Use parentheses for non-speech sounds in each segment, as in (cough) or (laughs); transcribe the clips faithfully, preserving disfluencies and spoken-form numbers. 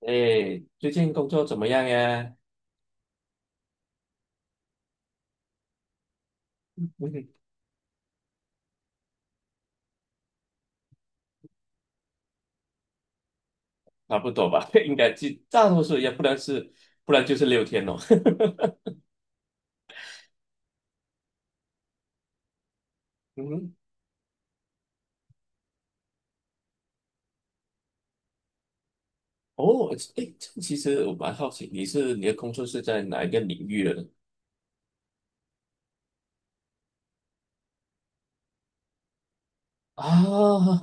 哎，最近工作怎么样呀？嗯。 (laughs) 差不多吧，(laughs) 应该就大多数也不然是，不然就是六天哦。(laughs) 嗯哼。哦，哎，这其实我蛮好奇，你是你的工作是在哪一个领域的呢？啊。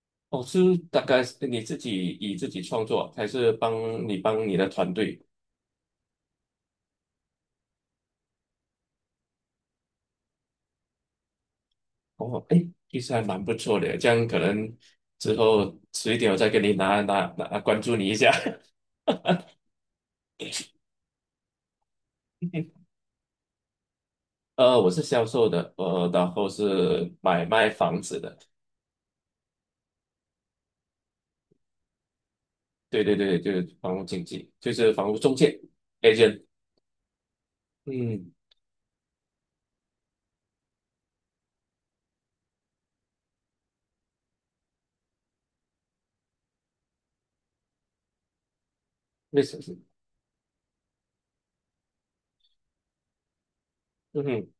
(laughs) 哦，是大概是你自己以自己创作，还是帮你帮你的团队？哦，哎，其实还蛮不错的，这样可能之后迟一点我再给你拿拿拿关注你一下。(laughs) 呃，我是销售的，呃，然后是买卖房子的，对对对，就是房屋经济，就是房屋中介 agent。嗯，为什么？嗯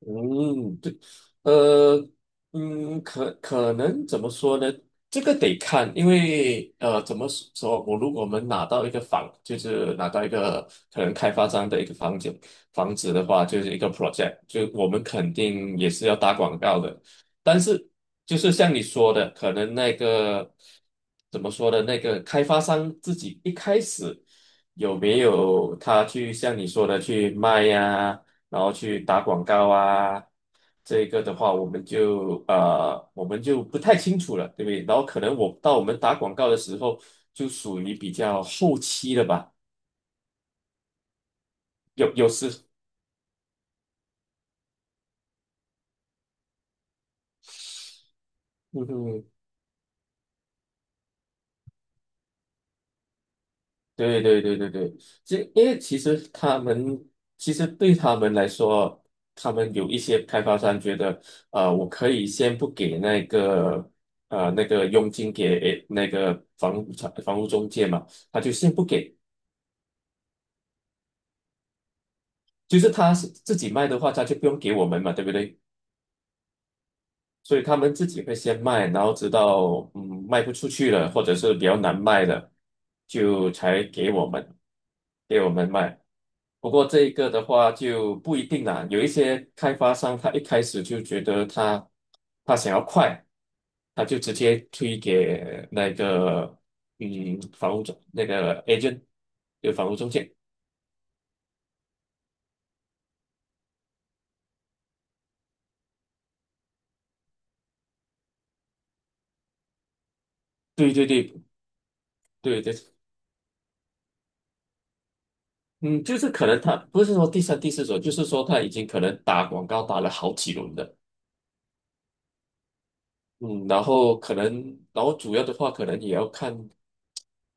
嗯。呃，嗯，可可能怎么说呢？这个得看，因为呃，怎么说？我如果我们拿到一个房，就是拿到一个可能开发商的一个房子，房子的话，就是一个 project，就我们肯定也是要打广告的。但是就是像你说的，可能那个怎么说的，那个开发商自己一开始有没有他去像你说的去卖呀、然后去打广告啊？这个的话，我们就呃，我们就不太清楚了，对不对？然后可能我到我们打广告的时候，就属于比较后期了吧，有有时，嗯哼，对对对对对，这因为其实他们其实对他们来说，他们有一些开发商觉得，呃，我可以先不给那个呃那个佣金给那个房屋产房屋中介嘛，他就先不给，就是他是自己卖的话，他就不用给我们嘛，对不对？所以他们自己会先卖，然后直到嗯卖不出去了，或者是比较难卖了，就才给我们给我们卖。不过这一个的话就不一定啦，有一些开发商他一开始就觉得他他想要快，他就直接推给那个嗯房屋中那个 agent 就房屋中介，对对对对对，嗯，就是可能他不是说第三、第四手，就是说他已经可能打广告打了好几轮的。嗯，然后可能，然后主要的话，可能也要看，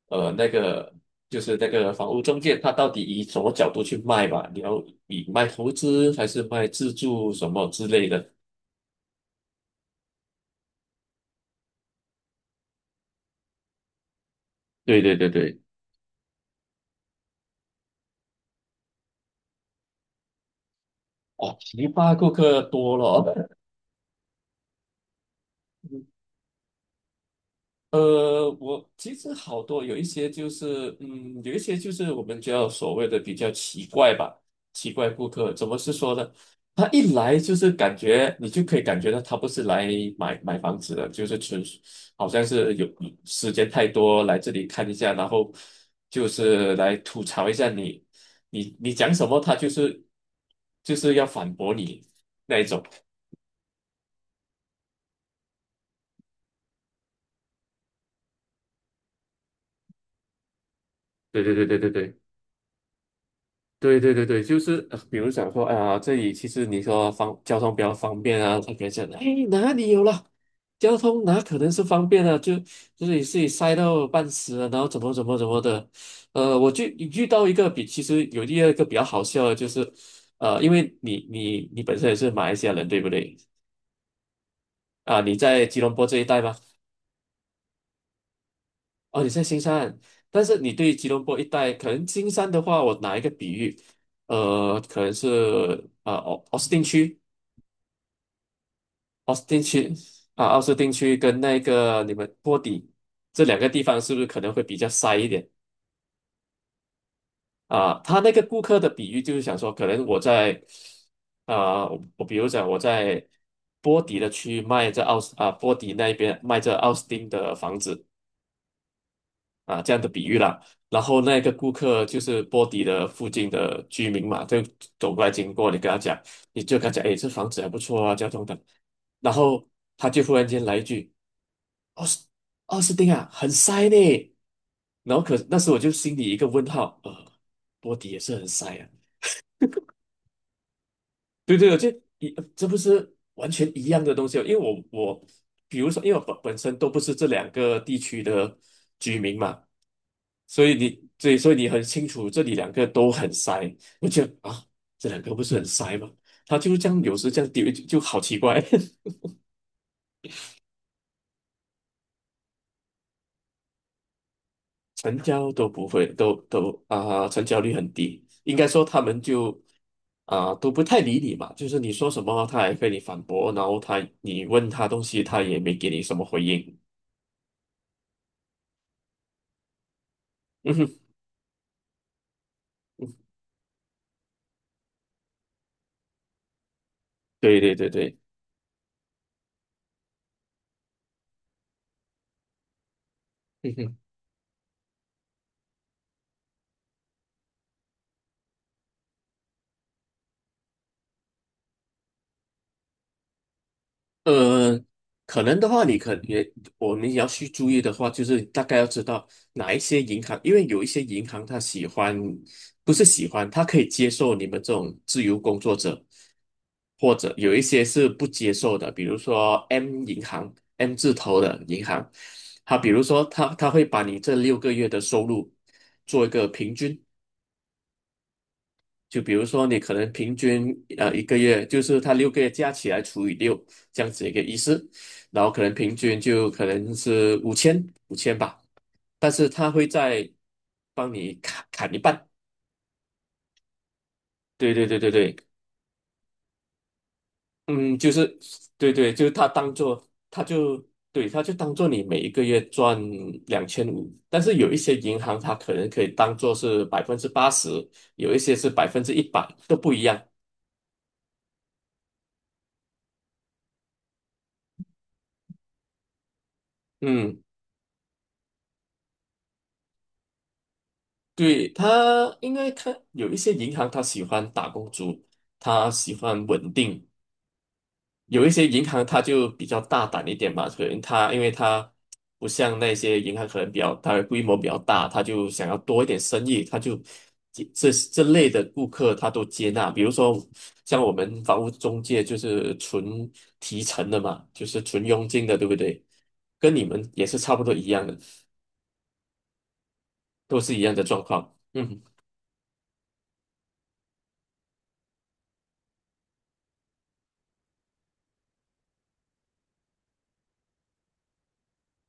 呃，那个就是那个房屋中介，他到底以什么角度去卖吧？你要以卖投资还是卖自住什么之类的？对对对对。哦，奇葩顾客多了。(laughs) 呃，我其实好多有一些就是，嗯，有一些就是我们叫所谓的比较奇怪吧，奇怪顾客怎么是说呢？他一来就是感觉你就可以感觉到他不是来买买房子的，就是纯属好像是有时间太多来这里看一下，然后就是来吐槽一下你，你你讲什么他就是就是要反驳你那一种。对对对对对对。对对对对，就是呃比如想说，哎呀，这里其实你说方交通比较方便啊，他可以讲，哎，哪里有了？交通哪可能是方便啊？就就是你自己塞到半死了，然后怎么怎么怎么的，呃，我就遇到一个比其实有第二个比较好笑的，就是，呃，因为你你你本身也是马来西亚人，对不对？啊，你在吉隆坡这一带吗？哦，你在新山，但是你对吉隆坡一带，可能新山的话，我拿一个比喻，呃，可能是呃奥奥斯汀区。奥斯汀区啊，奥斯汀区跟那个你们波底这两个地方是不是可能会比较塞一点啊？他那个顾客的比喻就是想说，可能我在啊，我我比如讲我在波底的区域卖这奥斯啊波底那边卖这奥斯汀的房子啊，这样的比喻啦。然后那个顾客就是波底的附近的居民嘛，就走过来经过，你跟他讲，你就跟他讲，哎，这房子还不错啊，交通等，然后他就忽然间来一句。奥斯奥斯汀啊，很塞呢。然后可那时我就心里一个问号，呃，波迪也是很塞啊。对对，我就一呃这不是完全一样的东西哦，因为我我比如说，因为我本本身都不是这两个地区的居民嘛，所以你对，所以你很清楚这里两个都很塞。我觉得啊，这两个不是很塞吗？他就是这样，有时这样丢就就好奇怪，(laughs) 成交都不会，都都啊、成交率很低。应该说他们就。啊、都不太理你嘛，就是你说什么他还跟你反驳，然后他你问他东西他也没给你什么回应。(laughs) 嗯哼，对对对对，(laughs) 呃，可能的话，你可也我们也要去注意的话，就是大概要知道哪一些银行，因为有一些银行它喜欢，不是喜欢，它可以接受你们这种自由工作者，或者有一些是不接受的，比如说 M 银行，M 字头的银行，它比如说他他会把你这六个月的收入做一个平均，就比如说你可能平均呃一个月，就是它六个月加起来除以六这样子一个意思，然后可能平均就可能是五千五千吧，但是他会在帮你砍砍一半。对对对对对，嗯，就是对对，就是他当做他就对他就当做你每一个月赚两千五，但是有一些银行它可能可以当做是百分之八十，有一些是百分之一百，都不一样。嗯。对，他应该看有一些银行，他喜欢打工族，他喜欢稳定；有一些银行，他就比较大胆一点嘛，可能他因为他不像那些银行，可能比较它的规模比较大，他就想要多一点生意，他就这这这类的顾客他都接纳。比如说像我们房屋中介就是纯提成的嘛，就是纯佣金的，对不对？跟你们也是差不多一样的，都是一样的状况。嗯，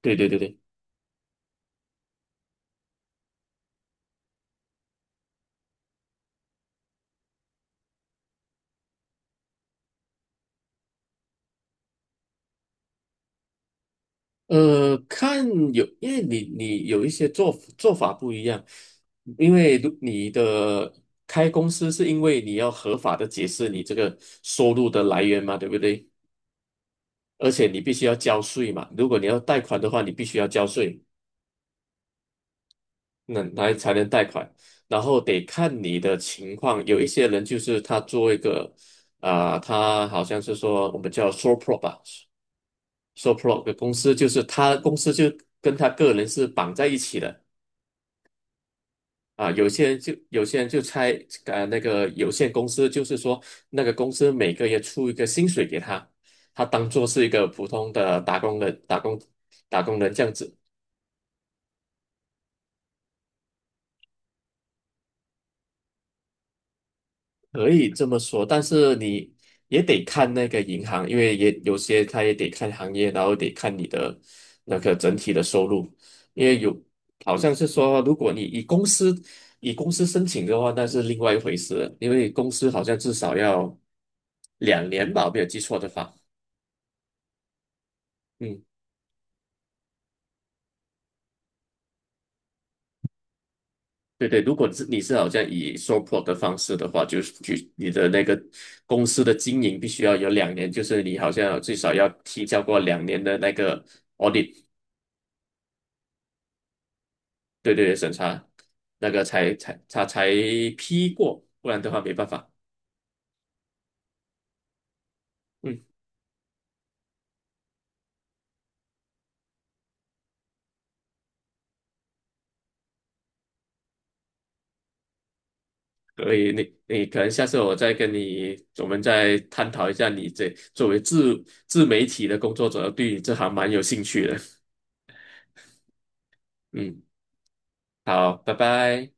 对对对对。呃，看有，因为你你有一些做做法不一样，因为如你的开公司是因为你要合法的解释你这个收入的来源嘛，对不对？而且你必须要交税嘛，如果你要贷款的话，你必须要交税，那来才能贷款。然后得看你的情况，有一些人就是他做一个啊、他好像是说我们叫 sole prop 吧，sole p r o 的公司，就是他公司就跟他个人是绑在一起的。啊，有些人就有些人就猜，呃那个有限公司，就是说那个公司每个月出一个薪水给他，他当做是一个普通的打工人，打工打工人这样子。可以这么说，但是你也得看那个银行，因为也有些他也得看行业，然后得看你的那个整体的收入，因为有好像是说，如果你以公司以公司申请的话，那是另外一回事了因为公司好像至少要两年吧，我没有记错的话，嗯，对对，如果是你是好像以 s o p r 的方式的话，就是举你的那个公司的经营必须要有两年，就是你好像最少要提交过两年的那个 audit。对对对，审查那个才才才才批过，不然的话没办法。嗯，所以你你可能下次我再跟你，我们再探讨一下你这作为自自媒体的工作者，对你这行蛮有兴趣的。嗯，好，拜拜。